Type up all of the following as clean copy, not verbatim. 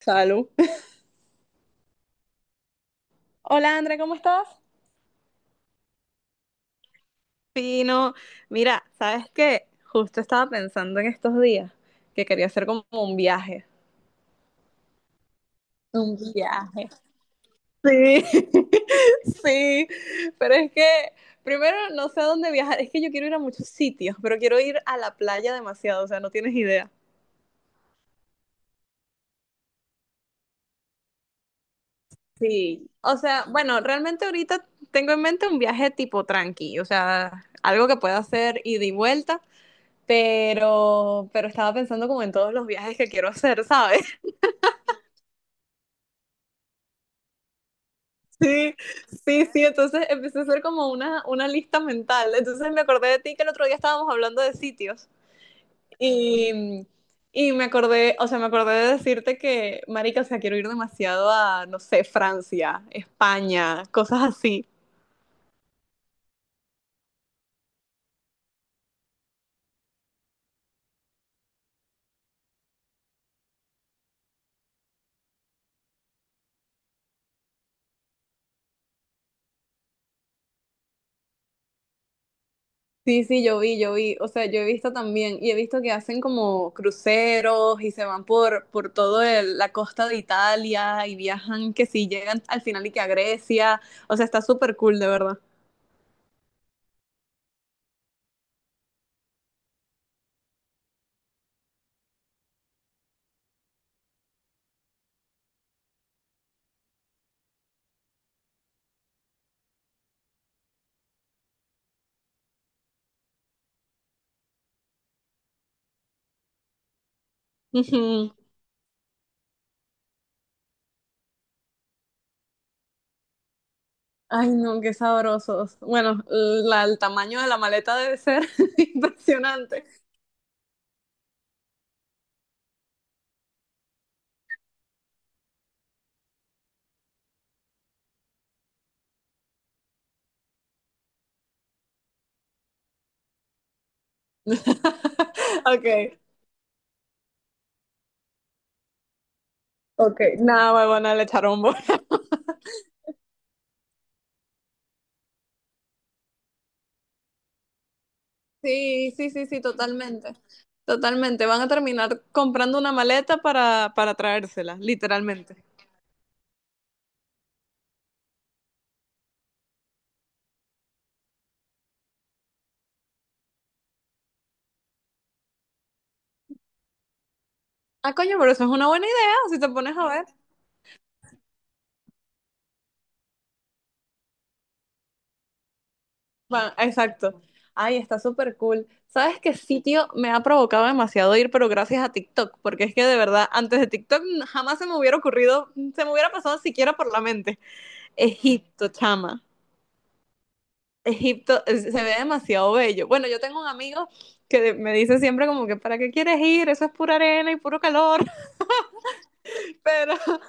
Salud. Hola, Andrea, ¿cómo estás? Pino, mira, ¿sabes qué? Justo estaba pensando en estos días que quería hacer como un viaje. Un viaje. Sí, sí, pero es que primero no sé a dónde viajar, es que yo quiero ir a muchos sitios, pero quiero ir a la playa demasiado, o sea, no tienes idea. Sí. O sea, bueno, realmente ahorita tengo en mente un viaje tipo tranqui, o sea, algo que pueda hacer ida y vuelta, pero estaba pensando como en todos los viajes que quiero hacer, ¿sabes? Sí, sí, entonces empecé a hacer como una lista mental. Entonces me acordé de ti que el otro día estábamos hablando de sitios y, y me acordé, o sea, me acordé de decirte que, marica, o sea, quiero ir demasiado a, no sé, Francia, España, cosas así. Sí, sí, yo vi, o sea, yo he visto también y he visto que hacen como cruceros y se van por toda la costa de Italia y viajan, que sí, llegan al final y que a Grecia, o sea, está súper cool, de verdad. Ujú. Ay, no, qué sabrosos. Bueno, el tamaño de la maleta debe ser impresionante. Ok, ok, nada, huevona, le echaron bola. Sí, totalmente. Totalmente. Van a terminar comprando una maleta para traérsela, literalmente. Ah, coño, pero eso es una buena idea, si te pones a ver. Exacto. Ay, está súper cool. ¿Sabes qué sitio me ha provocado demasiado ir, pero gracias a TikTok? Porque es que de verdad, antes de TikTok jamás se me hubiera ocurrido, se me hubiera pasado siquiera por la mente. Egipto, chama. Egipto se ve demasiado bello. Bueno, yo tengo un amigo que me dice siempre como que, ¿para qué quieres ir? Eso es pura arena y puro calor. Pero,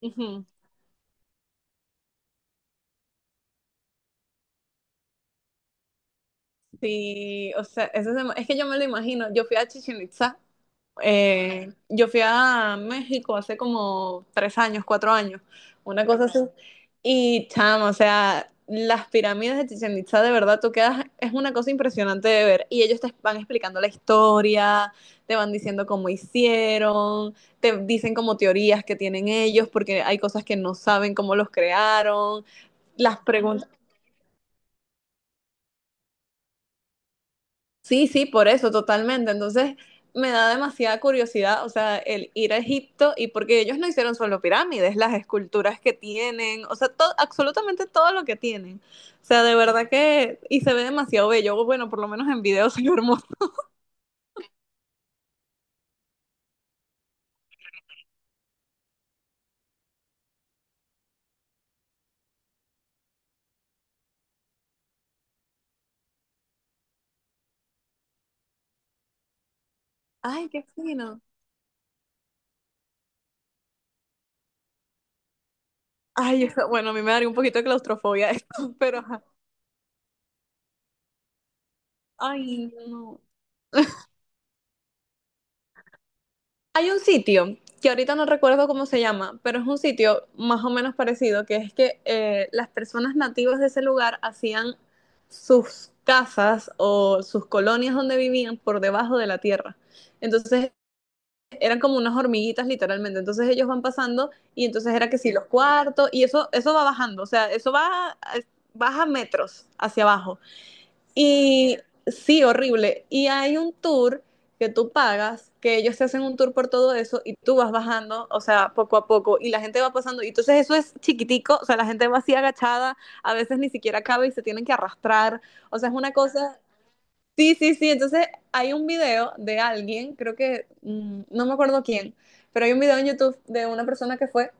ujú, sí, o sea, es que yo me lo imagino. Yo fui a Chichén Itzá, yo fui a México hace como tres años, cuatro años, una cosa así. Y chamo, o sea, las pirámides de Chichén Itzá, de verdad, tú quedas, es una cosa impresionante de ver. Y ellos te van explicando la historia, te van diciendo cómo hicieron, te dicen como teorías que tienen ellos, porque hay cosas que no saben cómo los crearon. Las preguntas sí, sí, por eso, totalmente. Entonces, me da demasiada curiosidad, o sea, el ir a Egipto y porque ellos no hicieron solo pirámides, las esculturas que tienen, o sea, absolutamente todo lo que tienen. O sea, de verdad que, y se ve demasiado bello, bueno, por lo menos en video se ve hermoso. Ay, qué fino. Ay, o sea, bueno, a mí me daría un poquito de claustrofobia esto, pero ajá. Ay, no. Hay un sitio que ahorita no recuerdo cómo se llama, pero es un sitio más o menos parecido, que es que las personas nativas de ese lugar hacían sus casas o sus colonias donde vivían por debajo de la tierra. Entonces eran como unas hormiguitas literalmente. Entonces ellos van pasando y entonces era que si los cuartos y eso va bajando, o sea, eso va baja metros hacia abajo. Y sí, horrible. Y hay un tour que tú pagas, que ellos te hacen un tour por todo eso y tú vas bajando, o sea, poco a poco, y la gente va pasando. Y entonces eso es chiquitico, o sea, la gente va así agachada, a veces ni siquiera cabe y se tienen que arrastrar. O sea, es una cosa... Sí, sí, sí. Entonces hay un video de alguien, creo que, no me acuerdo quién, pero hay un video en YouTube de una persona que fue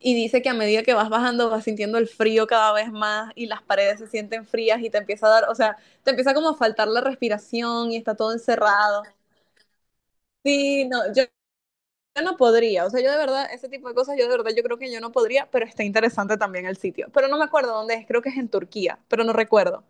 y dice que a medida que vas bajando vas sintiendo el frío cada vez más y las paredes se sienten frías y te empieza a dar, o sea, te empieza como a faltar la respiración y está todo encerrado. Sí, no, yo no podría, o sea, yo de verdad, ese tipo de cosas, yo de verdad, yo creo que yo no podría, pero está interesante también el sitio. Pero no me acuerdo dónde es, creo que es en Turquía, pero no recuerdo.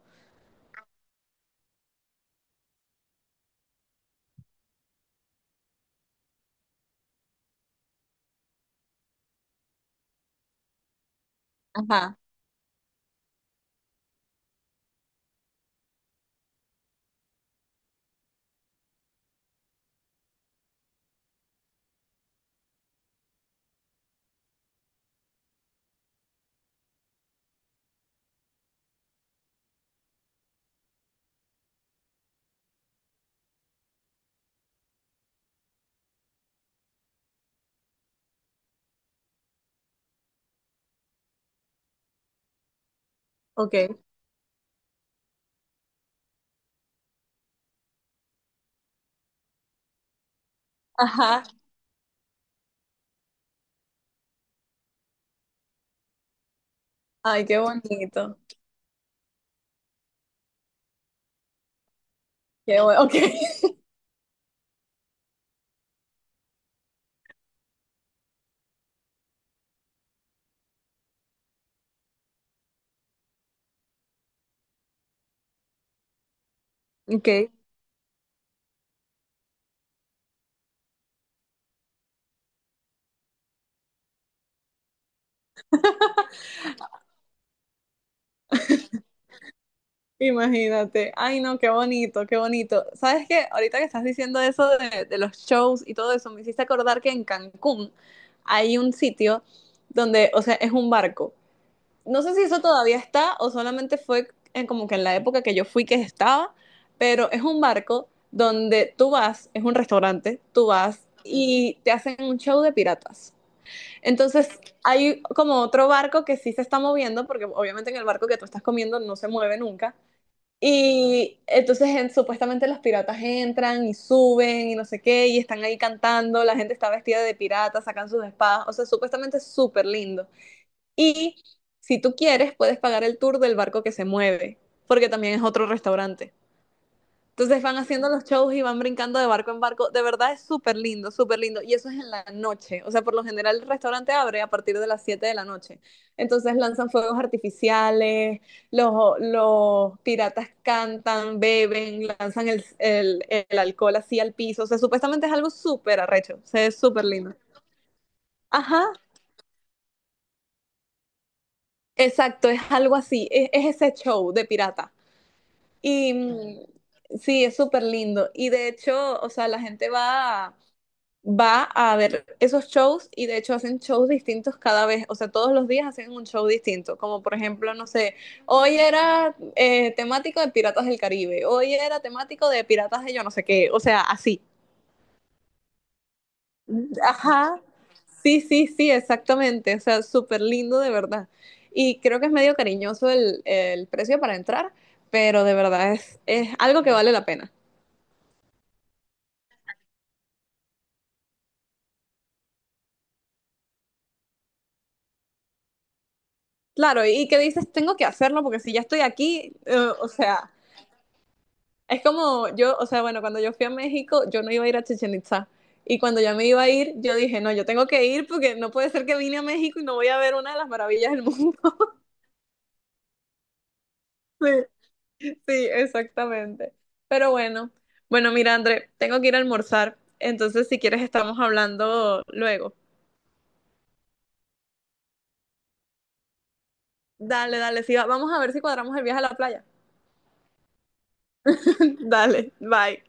Ajá, ok. Ajá, ay, qué bonito. Qué bueno, ok. Ok. Imagínate. Ay, no, qué bonito, qué bonito. ¿Sabes qué? Ahorita que estás diciendo eso de los shows y todo eso, me hiciste acordar que en Cancún hay un sitio donde, o sea, es un barco. No sé si eso todavía está o solamente fue en, como que en la época que yo fui que estaba, pero es un barco donde tú vas, es un restaurante, tú vas y te hacen un show de piratas. Entonces, hay como otro barco que sí se está moviendo, porque obviamente en el barco que tú estás comiendo no se mueve nunca y entonces supuestamente los piratas entran y suben y no sé qué, y están ahí cantando, la gente está vestida de pirata, sacan sus espadas, o sea, supuestamente es súper lindo. Y si tú quieres, puedes pagar el tour del barco que se mueve, porque también es otro restaurante. Entonces van haciendo los shows y van brincando de barco en barco. De verdad es súper lindo, súper lindo. Y eso es en la noche. O sea, por lo general el restaurante abre a partir de las 7 de la noche. Entonces lanzan fuegos artificiales, los piratas cantan, beben, lanzan el, el alcohol así al piso. O sea, supuestamente es algo súper arrecho. O sea, es súper lindo. Ajá, exacto, es algo así. Es ese show de pirata. Y sí, es súper lindo. Y de hecho, o sea, la gente va a ver esos shows y de hecho hacen shows distintos cada vez, o sea, todos los días hacen un show distinto, como por ejemplo, no sé, hoy era temático de Piratas del Caribe, hoy era temático de Piratas de yo no sé qué, o sea, así. Ajá, sí, sí, sí, exactamente, o sea, súper lindo de verdad. Y creo que es medio cariñoso el precio para entrar, pero de verdad es algo que vale la pena. Claro, y que dices, tengo que hacerlo porque si ya estoy aquí, o sea... Es como yo, o sea, bueno, cuando yo fui a México, yo no iba a ir a Chichen Itza. Y cuando ya me iba a ir, yo dije, no, yo tengo que ir porque no puede ser que vine a México y no voy a ver una de las maravillas del mundo. Sí, sí, exactamente. Pero bueno, bueno, mira, André, tengo que ir a almorzar. Entonces, si quieres, estamos hablando luego. Dale, dale, sí, vamos a ver si cuadramos el viaje a la playa. Dale, bye.